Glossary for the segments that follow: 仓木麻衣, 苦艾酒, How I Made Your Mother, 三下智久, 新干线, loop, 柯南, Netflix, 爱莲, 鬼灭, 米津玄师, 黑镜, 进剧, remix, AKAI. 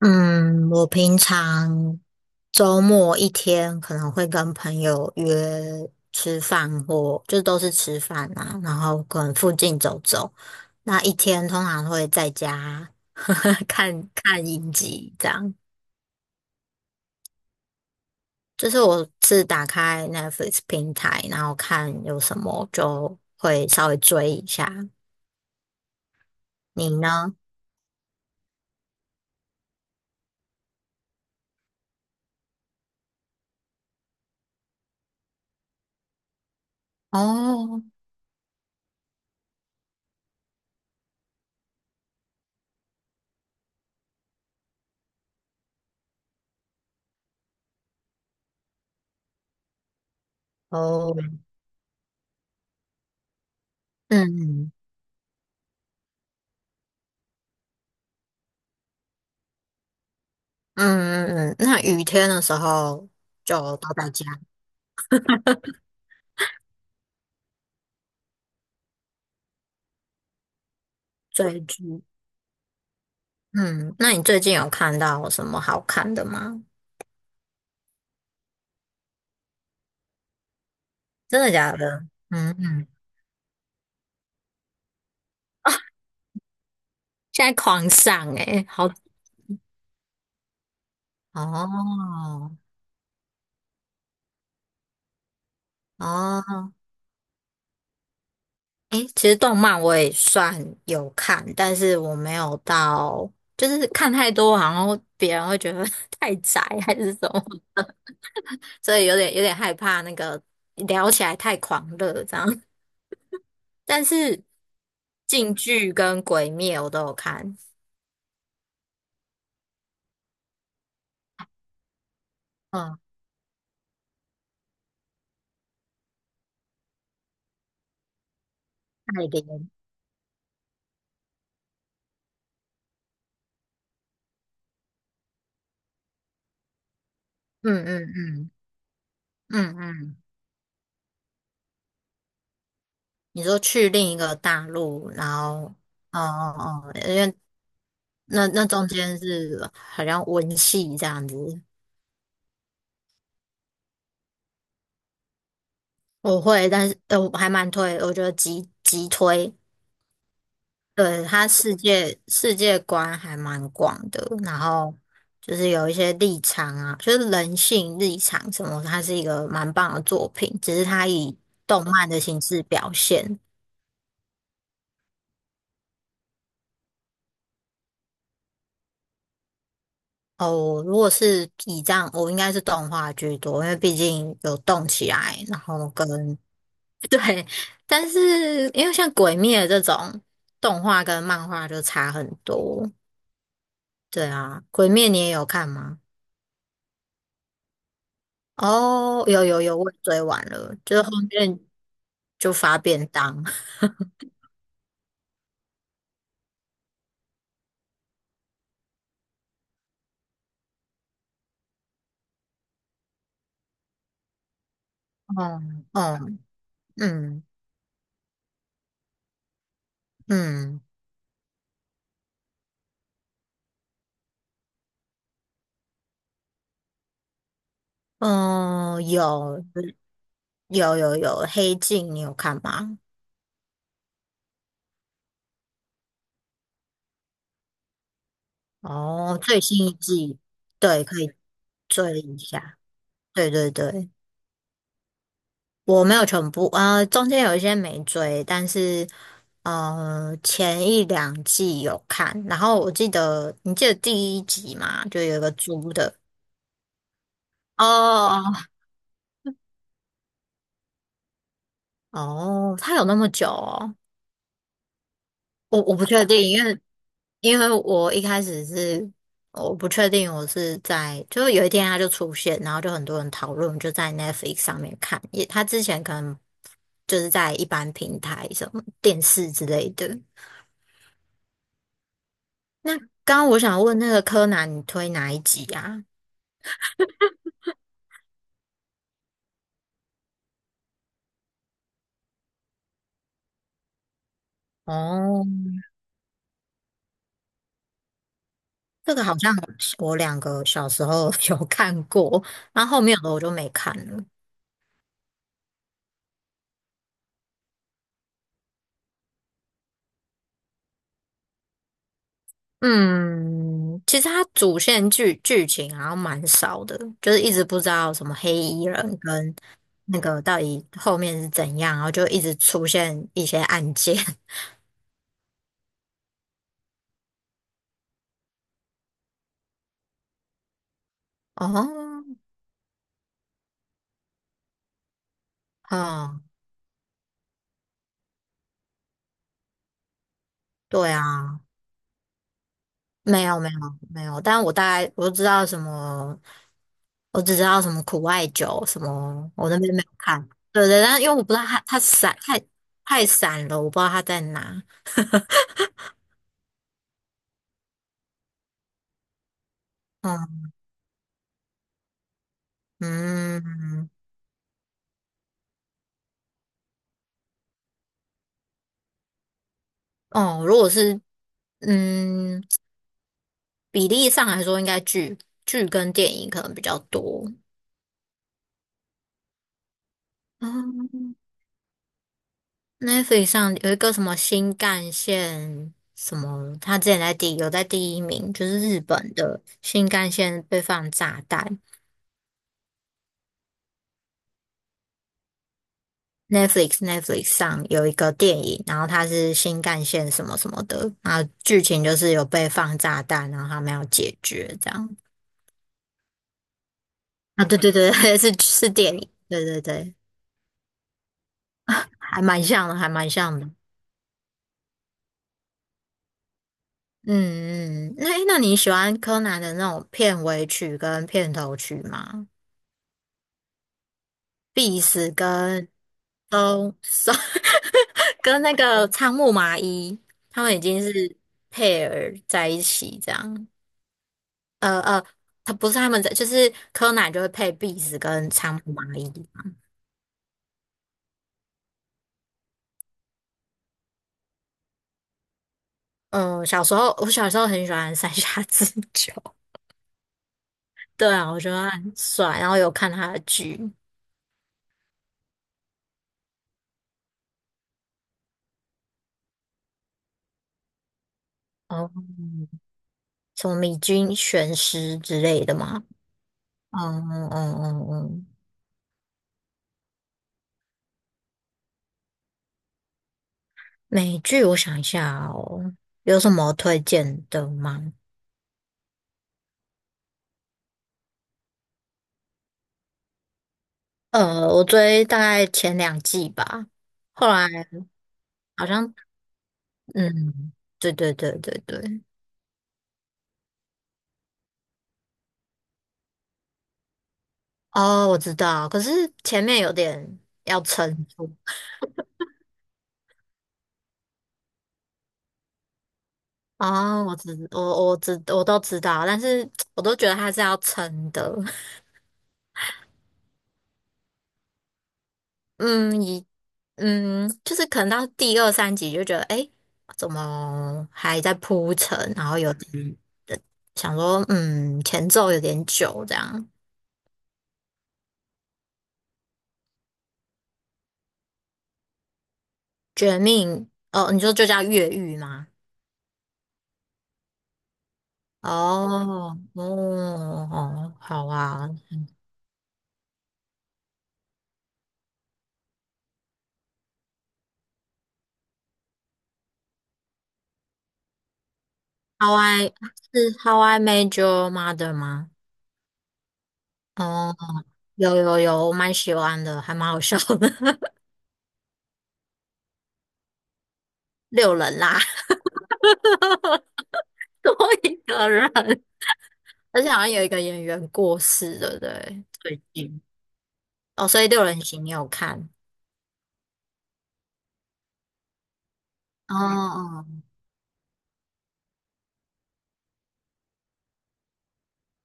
嗯，我平常周末一天可能会跟朋友约吃饭或，就都是吃饭啊，然后可能附近走走。那一天通常会在家 看看影集，这样。就是我是打开 Netflix 平台，然后看有什么就会稍微追一下。你呢？哦哦，嗯嗯嗯嗯，那雨天的时候就都在家。追剧。嗯，那你最近有看到什么好看的吗？真的假的？嗯嗯，现在狂上诶、好。哦哦，诶、其实动漫我也算有看，但是我没有到，就是看太多，好像别人会觉得 太宅还是什么，所以有点害怕那个聊起来太狂热这样。但是《进剧跟《鬼灭》我都有看，嗯，爱莲，嗯嗯嗯。嗯嗯，你说去另一个大陆，然后，哦哦哦，因为那中间是好像文戏这样子。我会，但是我还蛮推，我觉得极推，对，他世界观还蛮广的，然后就是有一些立场啊，就是人性立场什么，它是一个蛮棒的作品，只是它以动漫的形式表现。哦，如果是以这样，我应该是动画居多，因为毕竟有动起来，然后跟 对，但是因为像《鬼灭》这种动画跟漫画就差很多。对啊，《鬼灭》你也有看吗？哦，有有有，我也追完了，就是后面就发便当。哦哦嗯嗯嗯，有有有有，《黑镜》你有看吗？哦，最新一季，对，可以。追了一下，对对对，我没有全部，中间有一些没追，但是前一两季有看，然后我记得你记得第一集嘛，就有一个猪的。哦哦，他有那么久哦？我不确定，因为我一开始是我不确定我是在，就是有一天他就出现，然后就很多人讨论，就在 Netflix 上面看，也他之前可能就是在一般平台什么电视之类的。那刚刚我想问那个柯南，你推哪一集啊？哦，这个好像我两个小时候 有看过，然后后面的我就没看了。嗯，其实它主线剧情好像蛮少的，就是一直不知道什么黑衣人跟那个到底后面是怎样，然后就一直出现一些案件。哦，嗯，对啊，没有没有没有，但我大概我就知道什么我只知道什么苦艾酒什么，我那边没有看。对对，但因为我不知道它散太散了，我不知道它在哪。嗯嗯哦，如果是嗯比例上来说，应该剧跟电影可能比较多。嗯，Netflix 上有一个什么新干线什么，它之前有在第一名，就是日本的新干线被放炸弹。Netflix 上有一个电影，然后它是新干线什么什么的，然后剧情就是有被放炸弹，然后他们要解决这样。啊，对对对，是电影，对对对，还蛮像的，还蛮像的。嗯嗯，那你喜欢柯南的那种片尾曲跟片头曲吗？必死跟都 跟那个仓木麻衣，他们已经是配儿在一起这样。呃呃，他不是他们在，就是柯南就会配壁纸跟仓鼠蚂蚁。嗯，小时候我小时候很喜欢三下智久。对啊，我觉得他很帅，然后有看他的剧，哦，什么米津玄师之类的嘛。嗯嗯嗯嗯，美剧我想一下哦，有什么推荐的吗？我追大概前两季吧，后来好像嗯，对对对对对。哦，我知道，可是前面有点要撑住。哦，我都知道，但是我都觉得它是要撑的。嗯，就是可能到第二三集就觉得，诶，怎么还在铺陈？然后有点想说，前奏有点久，这样。绝命，哦，你说就叫越狱吗？哦，哦，哦，好啊，How I 是 How I Made Your Mother 吗？哦。有有有，我蛮喜欢的，还蛮好笑的。六人啦，多一个人，而且好像有一个演员过世了，不对？最近哦，所以六人行你有看？哦哦，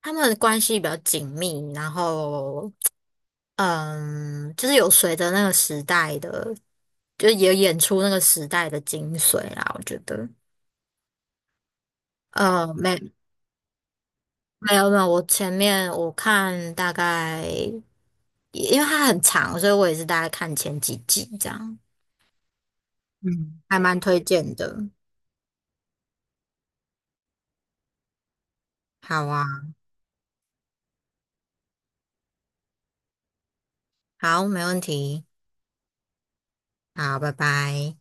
他们关系比较紧密，然后就是有随着那个时代的，就也演出那个时代的精髓啦，我觉得。呃，没没有没有，我前面我看大概，因为它很长，所以我也是大概看前几集这样。嗯，还蛮推荐的。好啊，好，没问题。好，拜拜。